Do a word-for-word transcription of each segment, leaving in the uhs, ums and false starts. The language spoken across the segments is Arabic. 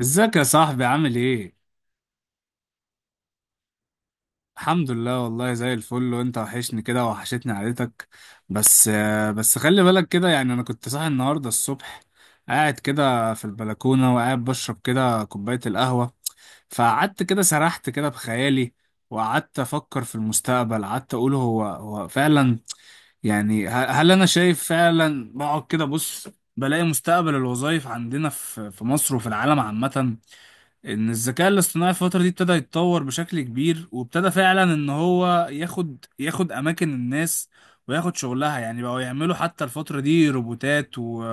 ازيك يا صاحبي عامل ايه؟ الحمد لله والله زي الفل وانت وحشني كده وحشتني عيلتك. بس آه، بس خلي بالك كده يعني انا كنت صاحي النهارده الصبح. قاعد كده في البلكونة وقاعد بشرب كده كوباية القهوة. فقعدت كده سرحت كده بخيالي. وقعدت افكر في المستقبل قعدت اقول هو هو فعلا يعني. ه- هل انا شايف فعلا بقعد كده بص. بلاقي مستقبل الوظائف عندنا في في مصر وفي العالم عامة. ان الذكاء الاصطناعي الفترة دي ابتدى يتطور بشكل كبير وابتدى فعلا ان هو ياخد ياخد اماكن الناس. وياخد شغلها يعني بقوا يعملوا حتى الفترة دي روبوتات و...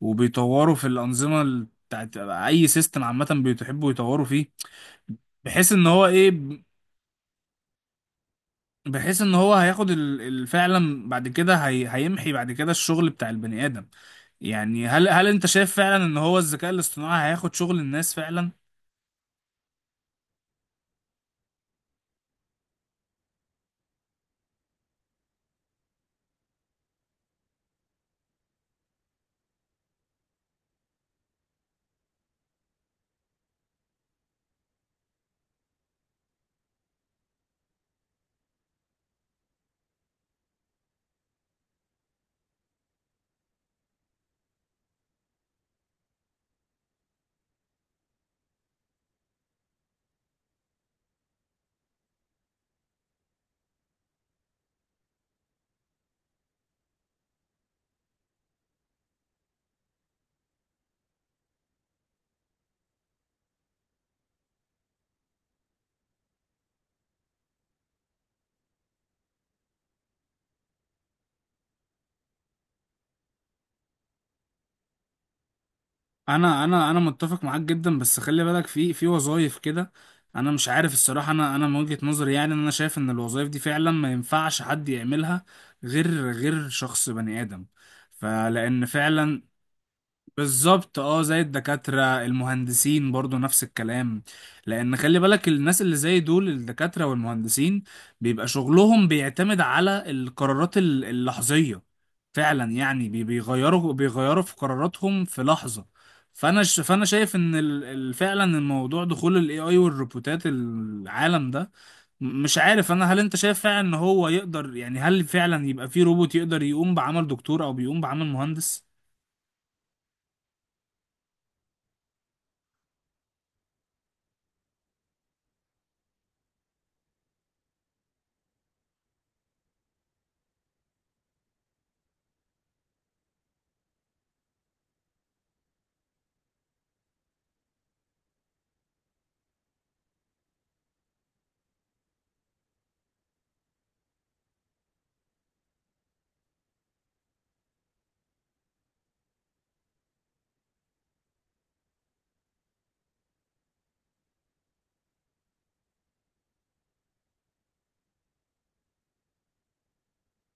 وبيطوروا في الأنظمة ال- بتاعت اي سيستم عامة. بيحبوا يطوروا فيه. بحيث ان هو ايه. بحيث ان هو هياخد ال... ال- فعلا بعد كده هي... هيمحي بعد كده الشغل بتاع البني آدم. يعني هل هل انت شايف فعلا ان هو الذكاء الاصطناعي هياخد شغل الناس فعلا. انا انا انا متفق معاك جدا بس خلي بالك في في وظايف كده. انا مش عارف الصراحه انا انا من وجهه نظري يعني ان انا شايف ان الوظايف دي فعلا ما ينفعش حد يعملها غير غير شخص بني ادم فلان فعلا. بالظبط اه زي الدكاترة المهندسين برضو نفس الكلام. لأن خلي بالك الناس اللي زي دول الدكاترة والمهندسين بيبقى شغلهم بيعتمد على القرارات ال- اللحظية. فعلا يعني بي- بيغيروا بيغيروا في قراراتهم في لحظة. فأنا ش- فأنا شايف إن ال- ال- فعلا الموضوع دخول ال إيه آي والروبوتات العالم ده. م- مش عارف أنا هل أنت شايف فعلا إن هو يقدر يعني هل فعلا يبقى في روبوت يقدر يقوم بعمل دكتور أو بيقوم بعمل مهندس؟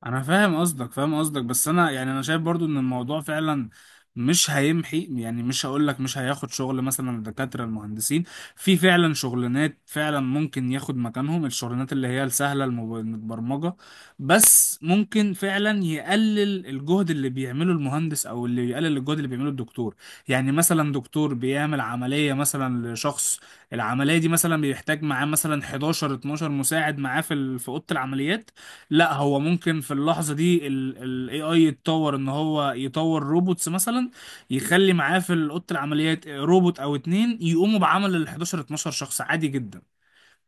انا فاهم قصدك فاهم قصدك بس انا يعني انا شايف برضو ان الموضوع فعلا مش هيمحي يعني مش هقول لك مش هياخد شغل مثلا الدكاتره المهندسين. في فعلا شغلانات فعلا ممكن ياخد مكانهم الشغلانات اللي هي السهله المب- المتبرمجه. بس ممكن فعلا يقلل الجهد اللي بيعمله المهندس او اللي يقلل الجهد اللي بيعمله الدكتور. يعني مثلا دكتور بيعمل عمليه مثلا لشخص. العمليه دي مثلا بيحتاج معاه مثلا حداشر اتناشر مساعد معاه في ال- في اوضه العمليات. لا هو ممكن في اللحظة دي ال ال إيه آي يتطور ان هو يطور روبوتس مثلا. يخلي معاه في أوضة العمليات روبوت او اتنين يقوموا بعمل ال حداشر اتناشر شخص عادي جدا.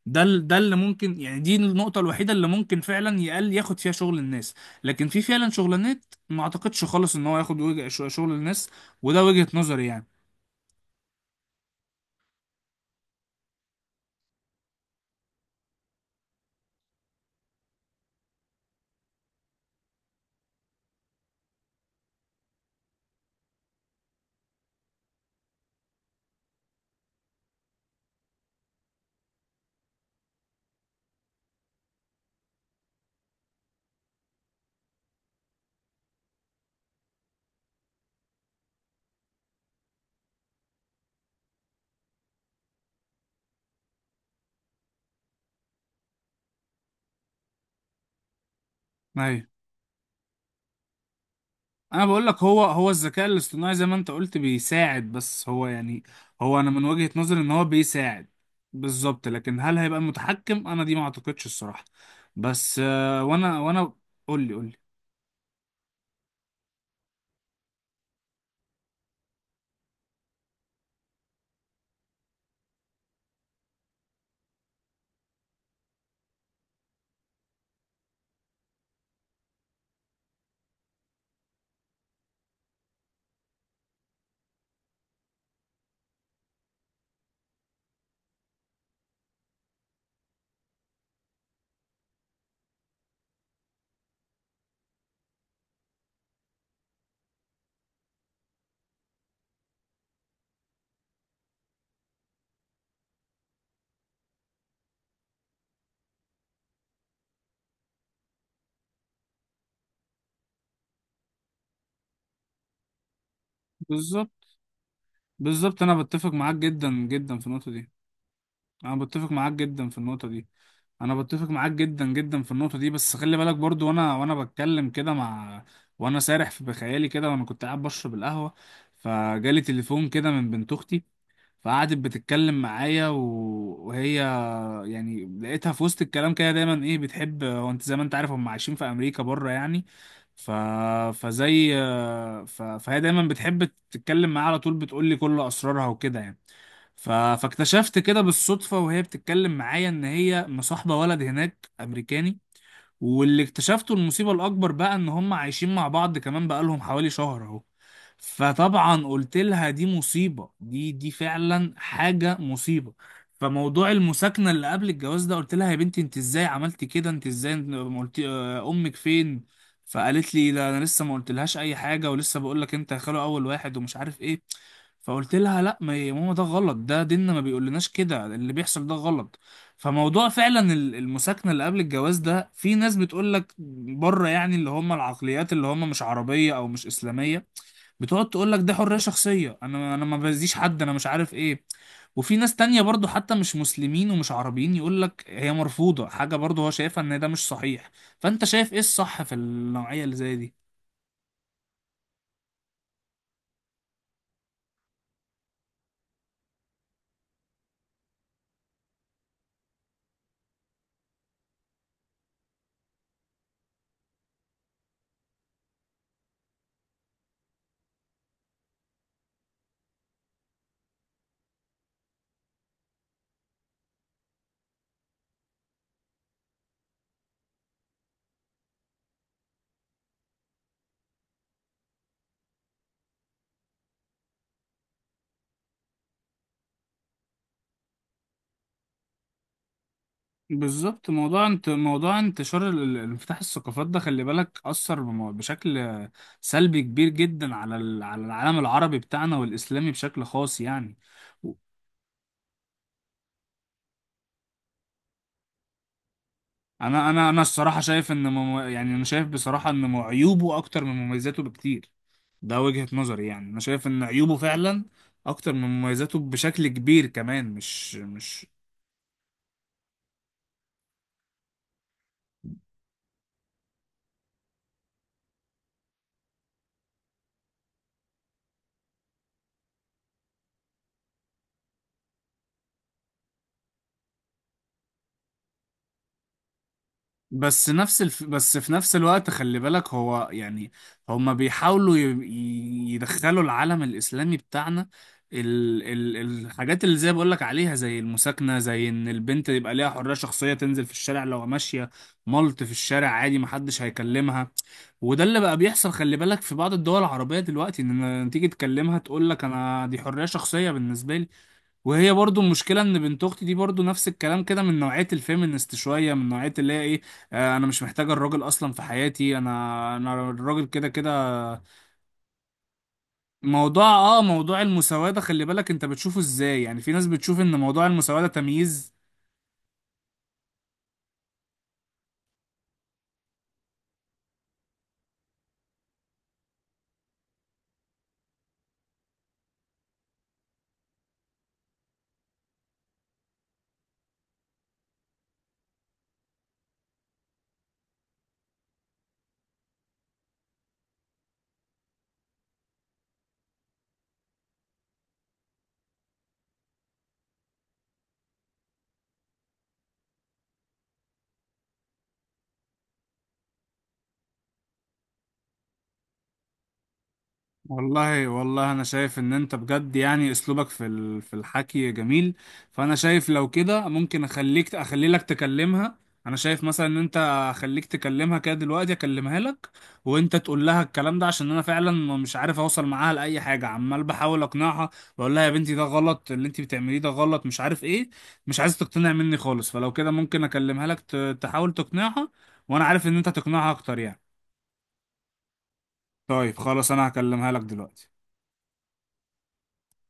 ده ال- ده اللي ممكن يعني دي النقطة الوحيدة اللي ممكن فعلا يقل ياخد فيها شغل الناس. لكن في فعلا شغلانات ما اعتقدش خالص ان هو ياخد وجه- شغل الناس. وده وجهة نظري يعني. أيوة. انا بقول لك هو هو الذكاء الاصطناعي زي ما انت قلت بيساعد بس هو يعني. هو انا من وجهة نظري ان هو بيساعد. بالظبط لكن هل هيبقى متحكم انا دي ما اعتقدش الصراحة. بس آه، وانا وانا قول لي قول لي. بالظبط بالظبط انا بتفق معاك جدا جدا في النقطة دي. انا بتفق معاك جدا في النقطة دي. انا بتفق معاك جدا جدا في النقطة دي بس خلي بالك برضو وانا وانا بتكلم كده مع. وانا سارح في بخيالي كده وانا كنت قاعد بشرب القهوة. فجالي تليفون كده من بنت اختي. فقعدت بتتكلم معايا و... وهي يعني لقيتها في وسط الكلام كده دايما ايه بتحب هو انت زي ما انت عارف هم عايشين في امريكا بره يعني. ف... فزي. ف... فهي دايما بتحب تتكلم معايا على طول بتقول لي كل اسرارها وكده يعني. ف... فاكتشفت كده بالصدفة وهي بتتكلم معايا ان هي مصاحبة ولد هناك امريكاني. واللي اكتشفته المصيبة الأكبر بقى إن هم عايشين مع بعض كمان بقالهم حوالي شهر أهو. فطبعا قلت لها دي مصيبة دي دي فعلا حاجة مصيبة. فموضوع المساكنة اللي قبل الجواز ده قلت لها يا بنتي انت ازاي عملتي كده انت ازاي ما قلت آه، امك فين. فقالت لي لا انا لسه ما قلتلهاش اي حاجة ولسه بقول لك انت يا خالو اول واحد ومش عارف ايه. فقلت لها لا ما يا ماما ده غلط ده ديننا ما بيقولناش كده اللي بيحصل ده غلط. فموضوع فعلا ال- المساكنة اللي قبل الجواز ده في ناس بتقول لك بره يعني اللي هم العقليات اللي هم مش عربية او مش اسلامية. بتقعد تقول لك ده حرية شخصية انا انا ما باذيش حد انا مش عارف ايه. وفي ناس تانية برضو حتى مش مسلمين ومش عربيين يقول لك هي مرفوضة حاجة برضو هو شايفها ان ده مش صحيح. فانت شايف ايه الصح في النوعية اللي زي دي. بالظبط موضوع انت موضوع انتشار ال- ال- انفتاح الثقافات ده خلي بالك اثر بم- بشكل سلبي كبير جدا على ال- على العالم العربي بتاعنا والاسلامي بشكل خاص يعني. و- انا انا انا الصراحه شايف ان مم... يعني انا شايف بصراحه ان مو- عيوبه اكتر من مميزاته بكتير. ده وجهه نظري يعني انا شايف ان عيوبه فعلا اكتر من مميزاته بشكل كبير كمان مش مش بس نفس الف... بس في نفس الوقت خلي بالك هو يعني هما بيحاولوا ي... ي- يدخلوا العالم الإسلامي بتاعنا. ال... ال... الحاجات اللي زي بقول لك عليها زي المساكنة زي إن البنت يبقى ليها حرية شخصية تنزل في الشارع لو ماشية ملط في الشارع عادي محدش هيكلمها. وده اللي بقى بيحصل خلي بالك في بعض الدول العربية دلوقتي إن لما تيجي تكلمها تقول لك أنا دي حرية شخصية بالنسبة لي. وهي برضو المشكلة ان بنت اختي دي برضو نفس الكلام كده من نوعية الفيمينست شوية من نوعية اللي هي ايه. آه انا مش محتاجة الراجل اصلا في حياتي انا انا الراجل كده كده. موضوع اه موضوع المساواة ده خلي بالك انت بتشوفه ازاي يعني في ناس بتشوف ان موضوع المساواة ده تمييز. والله والله انا شايف ان انت بجد يعني اسلوبك في ال- في الحكي جميل. فانا شايف لو كده ممكن اخليك اخلي لك تكلمها. انا شايف مثلا ان انت اخليك تكلمها كده دلوقتي اكلمها لك. وانت تقول لها الكلام ده عشان انا فعلا مش عارف اوصل معاها لاي حاجه عمال بحاول اقنعها. واقول لها يا بنتي ده غلط اللي انت بتعمليه ده غلط مش عارف ايه. مش عايز تقتنع مني خالص فلو كده ممكن اكلمها لك ت- تحاول تقنعها. وانا عارف ان انت هتقنعها اكتر يعني. طيب خلاص انا هكلمها لك دلوقتي.